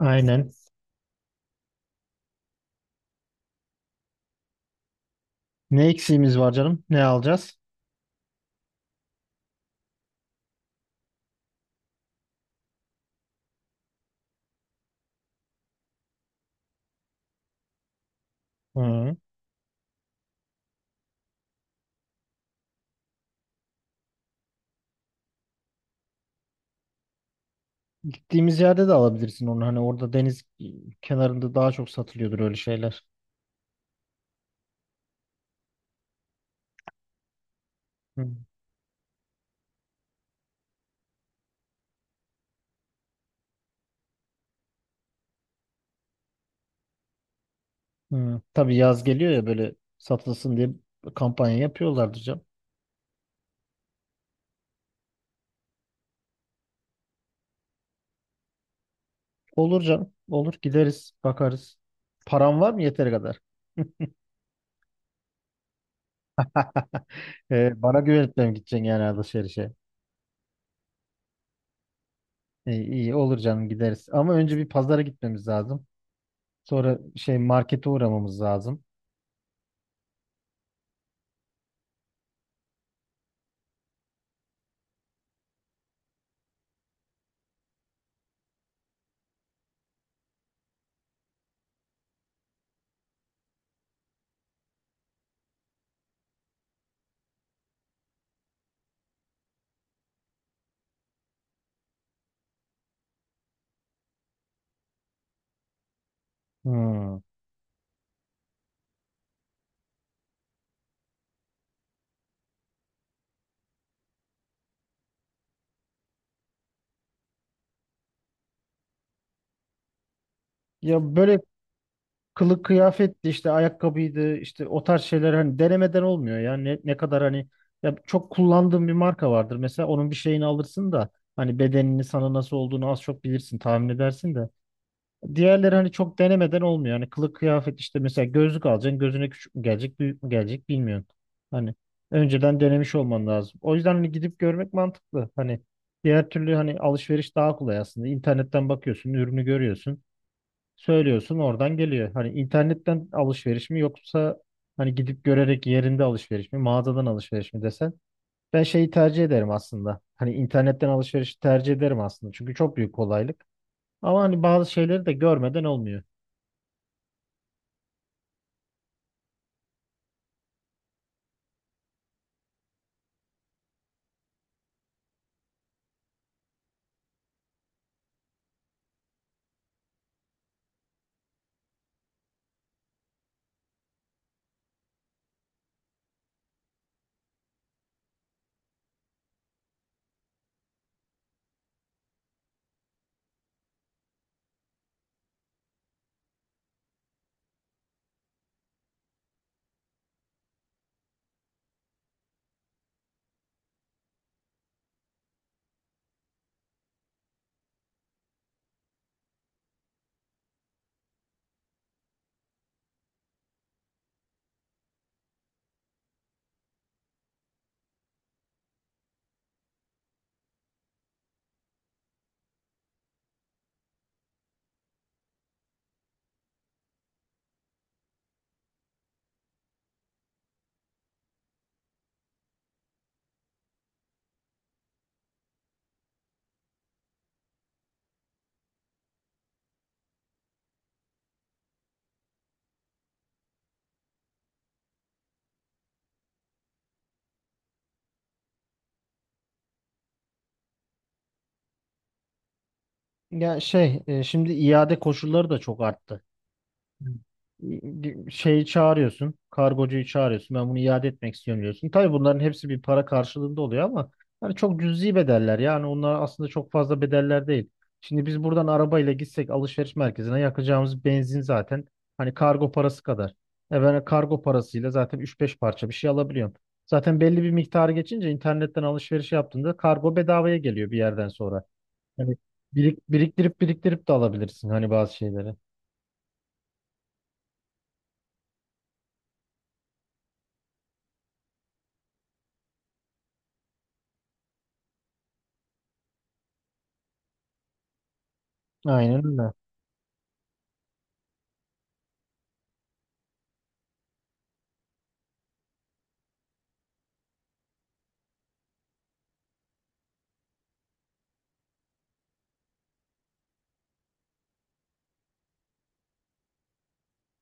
Aynen. Ne eksiğimiz var canım? Ne alacağız? Hı. Gittiğimiz yerde de alabilirsin onu. Hani orada deniz kenarında daha çok satılıyordur öyle şeyler. Hı. Hı. Tabii yaz geliyor ya böyle satılsın diye kampanya yapıyorlardır canım. Olur canım. Olur. Gideriz. Bakarız. Param var mı yeteri kadar? Bana güvenip de mi gideceksin yani alışverişe? İyi, iyi olur canım gideriz. Ama önce bir pazara gitmemiz lazım. Sonra şey markete uğramamız lazım. Hmm. Ya böyle kılık kıyafetti işte ayakkabıydı işte o tarz şeyler hani denemeden olmuyor ya ne kadar hani, ya çok kullandığım bir marka vardır mesela onun bir şeyini alırsın da hani bedenini sana nasıl olduğunu az çok bilirsin tahmin edersin de diğerleri hani çok denemeden olmuyor yani kılık kıyafet, işte mesela gözlük alacaksın gözüne küçük mü gelecek büyük mü gelecek bilmiyorsun, hani önceden denemiş olman lazım. O yüzden hani gidip görmek mantıklı. Hani diğer türlü hani alışveriş daha kolay aslında, internetten bakıyorsun, ürünü görüyorsun, söylüyorsun oradan geliyor. Hani internetten alışveriş mi yoksa hani gidip görerek yerinde alışveriş mi, mağazadan alışveriş mi desen, ben şeyi tercih ederim aslında. Hani internetten alışverişi tercih ederim aslında. Çünkü çok büyük kolaylık. Ama hani bazı şeyleri de görmeden olmuyor. Ya şey, şimdi iade koşulları da çok arttı. Şeyi çağırıyorsun. Kargocuyu çağırıyorsun. Ben bunu iade etmek istiyorum diyorsun. Tabii bunların hepsi bir para karşılığında oluyor ama hani çok cüzi bedeller. Yani onlar aslında çok fazla bedeller değil. Şimdi biz buradan arabayla gitsek alışveriş merkezine yakacağımız benzin zaten hani kargo parası kadar. Ben kargo parasıyla zaten üç beş parça bir şey alabiliyorum. Zaten belli bir miktarı geçince internetten alışveriş yaptığında kargo bedavaya geliyor bir yerden sonra. Hani biriktirip biriktirip de alabilirsin hani bazı şeyleri. Aynen öyle.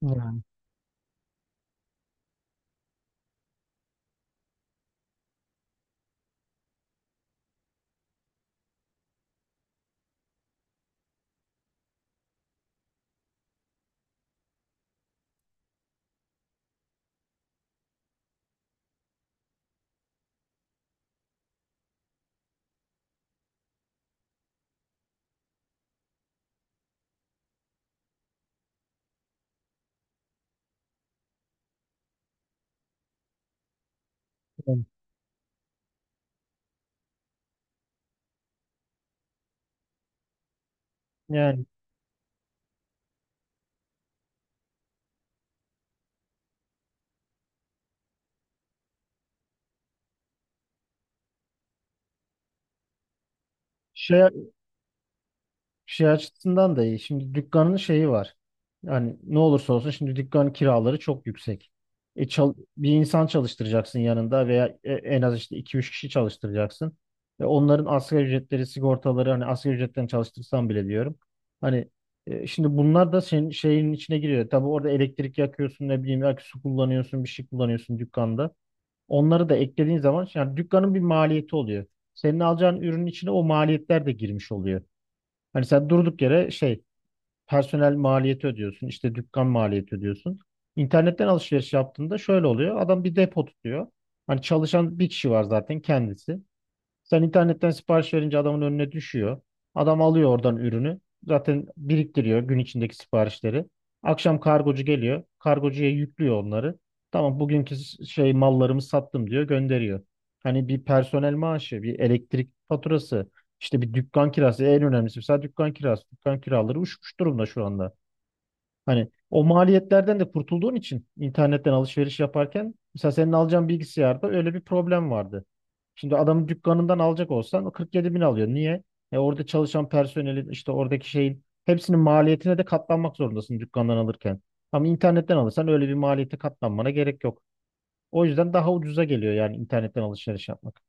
Yani. Yani yani şey, şey açısından da iyi. Şimdi dükkanın şeyi var. Yani ne olursa olsun şimdi dükkan kiraları çok yüksek. Bir insan çalıştıracaksın yanında, veya en az işte iki üç kişi çalıştıracaksın. Ve onların asgari ücretleri, sigortaları, hani asgari ücretten çalıştırsan bile diyorum. Hani şimdi bunlar da senin şeyin içine giriyor. Tabii orada elektrik yakıyorsun, ne bileyim belki su kullanıyorsun, bir şey kullanıyorsun dükkanda. Onları da eklediğin zaman yani dükkanın bir maliyeti oluyor. Senin alacağın ürünün içine o maliyetler de girmiş oluyor. Hani sen durduk yere şey, personel maliyeti ödüyorsun, işte dükkan maliyeti ödüyorsun. İnternetten alışveriş yaptığında şöyle oluyor. Adam bir depo tutuyor. Hani çalışan bir kişi var zaten, kendisi. Sen internetten sipariş verince adamın önüne düşüyor. Adam alıyor oradan ürünü. Zaten biriktiriyor gün içindeki siparişleri. Akşam kargocu geliyor. Kargocuya yüklüyor onları. Tamam, bugünkü şey, mallarımı sattım diyor, gönderiyor. Hani bir personel maaşı, bir elektrik faturası, işte bir dükkan kirası, en önemlisi mesela dükkan kirası. Dükkan kiraları uçmuş durumda şu anda. Hani o maliyetlerden de kurtulduğun için internetten alışveriş yaparken, mesela senin alacağın bilgisayarda öyle bir problem vardı. Şimdi adamın dükkanından alacak olsan o 47 bin alıyor. Niye? Orada çalışan personelin, işte oradaki şeyin hepsinin maliyetine de katlanmak zorundasın dükkandan alırken. Ama internetten alırsan öyle bir maliyete katlanmana gerek yok. O yüzden daha ucuza geliyor yani internetten alışveriş yapmak.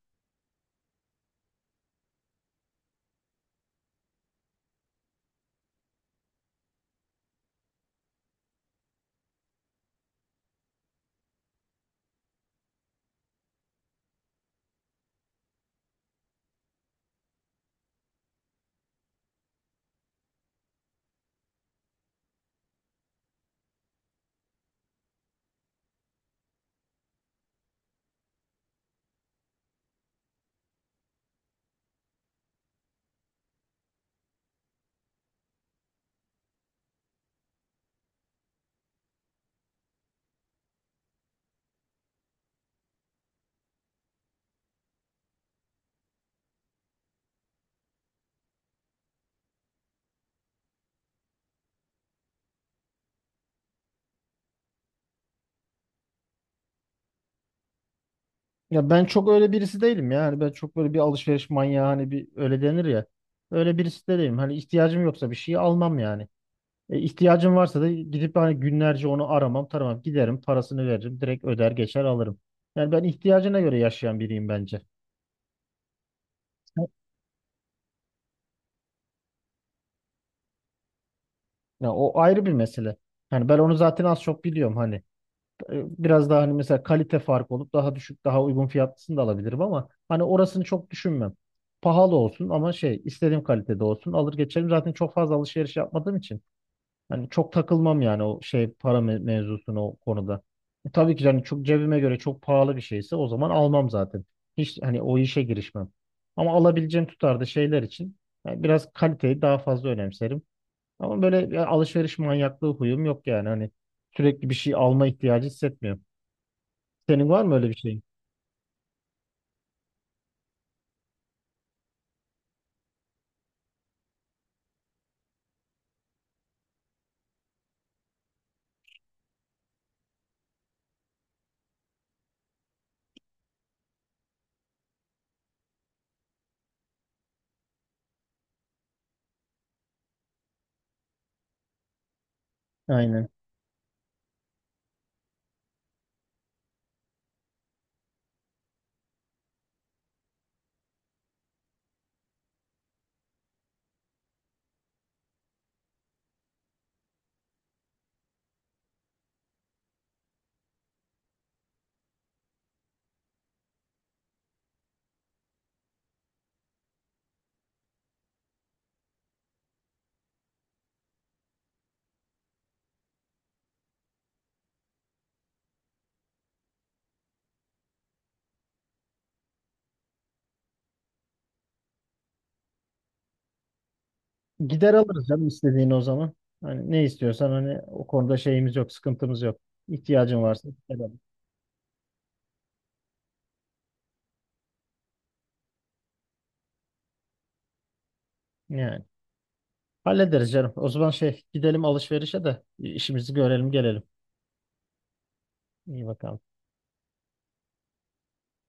Ya ben çok öyle birisi değilim ya. Hani ben çok böyle bir alışveriş manyağı, hani bir öyle denir ya, öyle birisi de değilim. Hani ihtiyacım yoksa bir şeyi almam yani. E, ihtiyacım varsa da gidip hani günlerce onu aramam, taramam. Giderim, parasını veririm, direkt öder geçer alırım. Yani ben ihtiyacına göre yaşayan biriyim bence. Ya o ayrı bir mesele. Yani ben onu zaten az çok biliyorum hani. Biraz daha hani mesela kalite farkı olup daha düşük, daha uygun fiyatlısını da alabilirim ama hani orasını çok düşünmem. Pahalı olsun ama şey, istediğim kalitede olsun alır geçerim. Zaten çok fazla alışveriş yapmadığım için. Hani çok takılmam yani o şey, para mevzusuna, o konuda. Tabii ki yani çok cebime göre çok pahalı bir şeyse, o zaman almam zaten. Hiç hani o işe girişmem. Ama alabileceğim tutarda şeyler için yani biraz kaliteyi daha fazla önemserim. Ama böyle bir alışveriş manyaklığı huyum yok yani hani sürekli bir şey alma ihtiyacı hissetmiyorum. Senin var mı öyle bir şeyin? Aynen. Gider alırız canım istediğini o zaman. Hani ne istiyorsan hani, o konuda şeyimiz yok, sıkıntımız yok. İhtiyacın varsa gider al. Yani. Hallederiz canım. O zaman şey, gidelim alışverişe de işimizi görelim gelelim. İyi bakalım.